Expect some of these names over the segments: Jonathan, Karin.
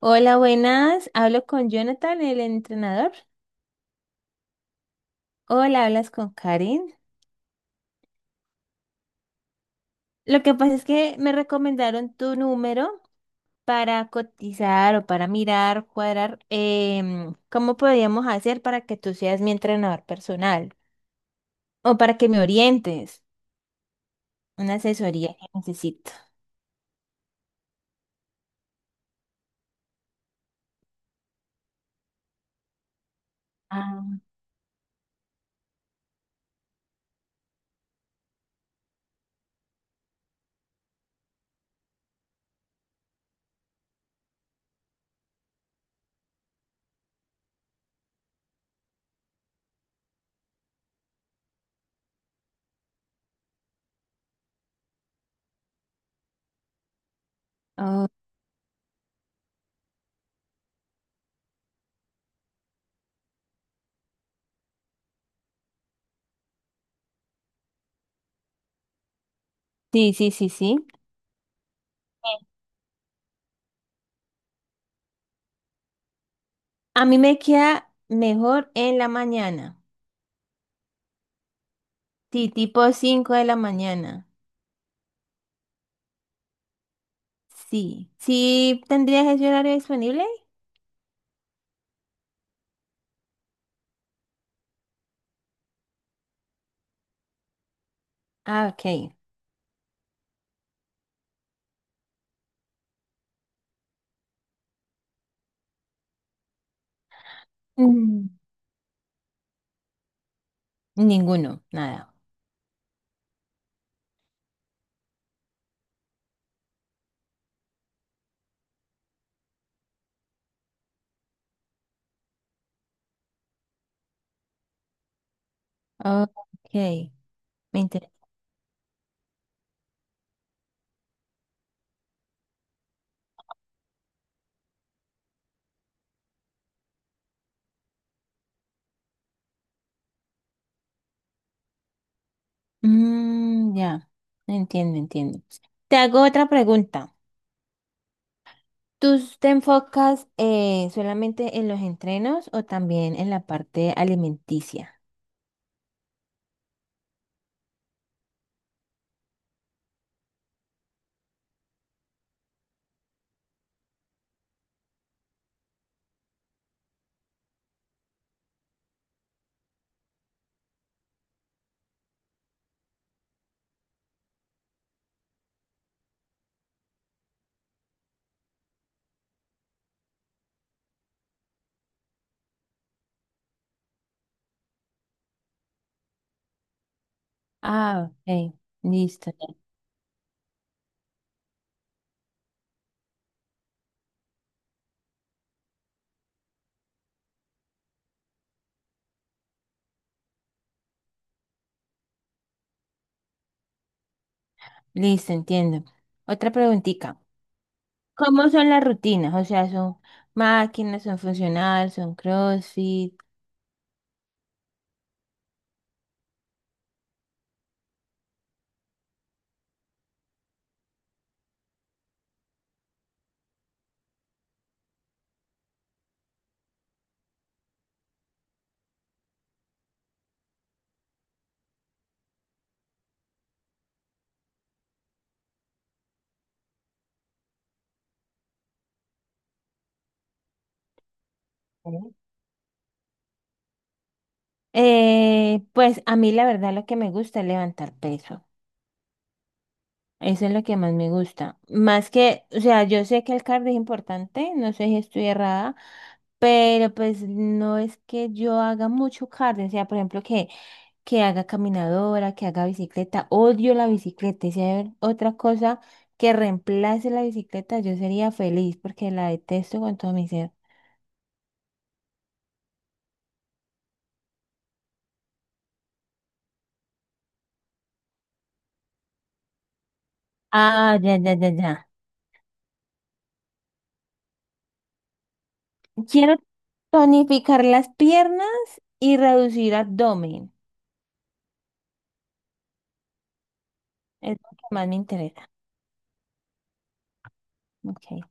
Hola, buenas. Hablo con Jonathan, el entrenador. Hola, hablas con Karin. Lo que pasa es que me recomendaron tu número para cotizar o para mirar, cuadrar, cómo podríamos hacer para que tú seas mi entrenador personal o para que me orientes. Una asesoría que necesito. Ah, oh, sí, sí, sí, sí. A mí me queda mejor en la mañana. Sí, tipo 5 de la mañana. Sí. ¿Sí tendrías ese horario disponible? Ah, ok. Mm, ninguno, nada. Ok, me interesa. Mm, ya, entiendo, entiendo. Te hago otra pregunta. ¿Tú te enfocas solamente en los entrenos o también en la parte alimenticia? Ah, ok, listo, ya. Listo, entiendo. Otra preguntita. ¿Cómo son las rutinas? O sea, ¿son máquinas, son funcionales, son CrossFit? Pues a mí la verdad lo que me gusta es levantar peso. Eso es lo que más me gusta. Más que, o sea, yo sé que el cardio es importante, no sé si estoy errada, pero pues no es que yo haga mucho cardio. O sea, por ejemplo, que haga caminadora, que haga bicicleta. Odio la bicicleta. Y si hay otra cosa que reemplace la bicicleta, yo sería feliz porque la detesto con todo mi ser. Ah, ya, ya, ya, ya. Quiero tonificar las piernas y reducir abdomen. Es lo que más me interesa. Okay.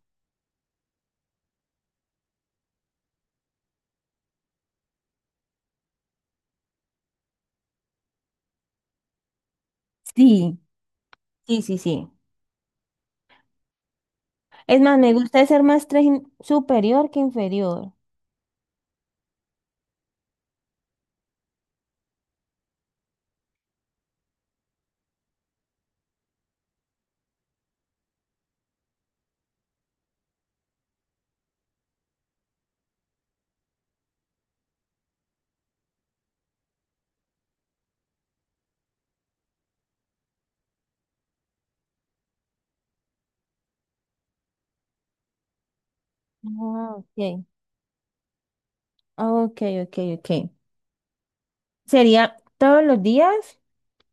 Sí, sí, sí, sí. Es más, me gusta ser más superior que inferior. Ah, ok. Ok, ok, ok. ¿Sería todos los días?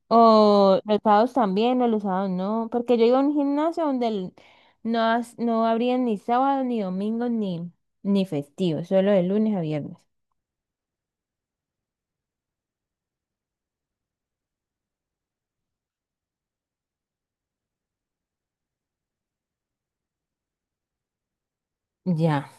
¿O los sábados también? ¿O los sábados no? Porque yo iba a un gimnasio no, no abrían ni sábado, ni domingo, ni festivo. Solo de lunes a viernes. Ya.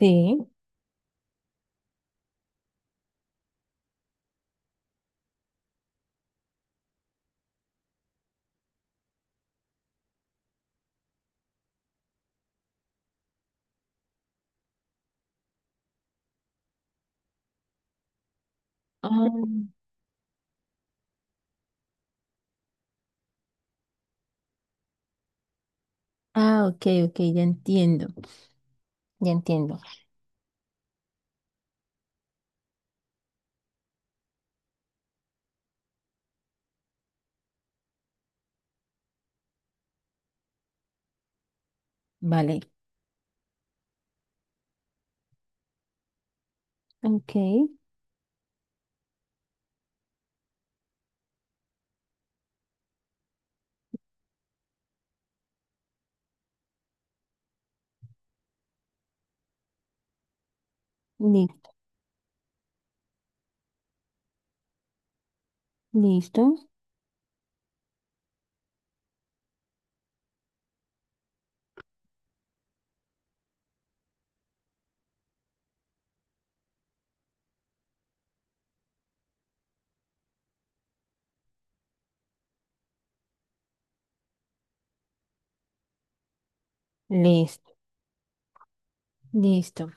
Sí. Ah, ah, ok, ok, ya entiendo, ya entiendo. Vale, ok, li- listo, listo, listo.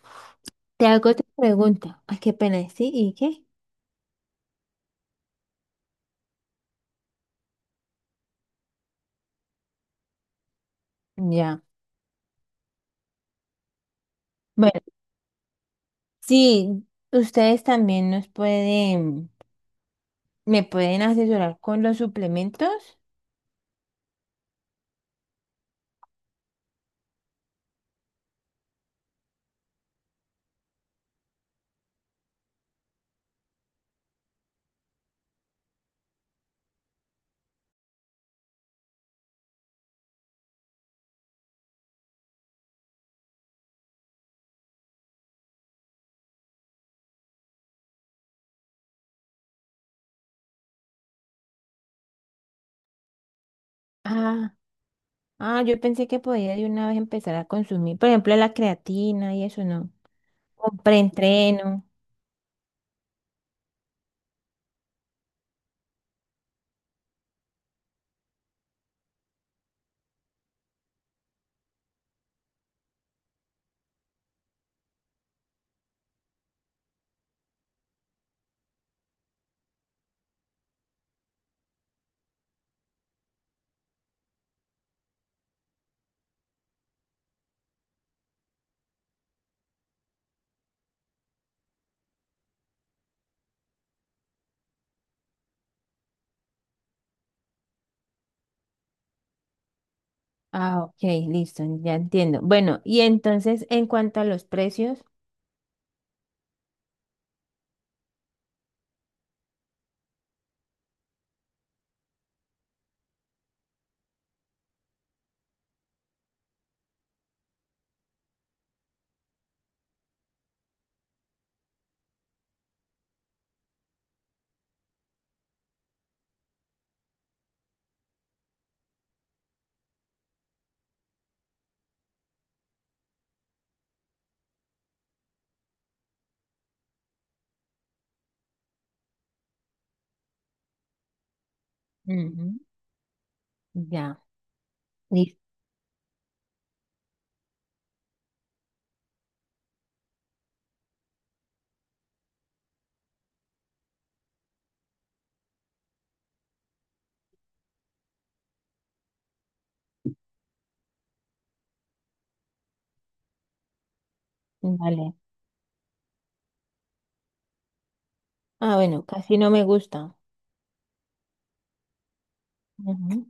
Te hago otra pregunta. Ay, qué pena, ¿sí? ¿Y qué? Ya. Bueno, sí, ustedes también nos pueden, me pueden asesorar con los suplementos. Ah, ah, yo pensé que podía de una vez empezar a consumir, por ejemplo, la creatina y eso no. Un preentreno. Ah, ok, listo, ya entiendo. Bueno, y entonces, en cuanto a los precios. Ujú, ya, listo, vale. Ah, bueno, casi no me gusta. Ujú.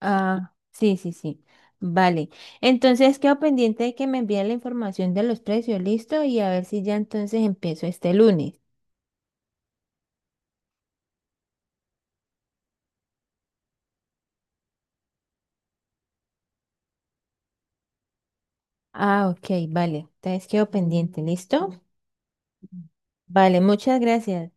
Ah, sí, sí, sí. Vale. Entonces quedo pendiente de que me envíen la información de los precios, listo, y a ver si ya entonces empiezo este lunes. Ah, ok, vale. Entonces quedo pendiente, ¿listo? Vale, muchas gracias.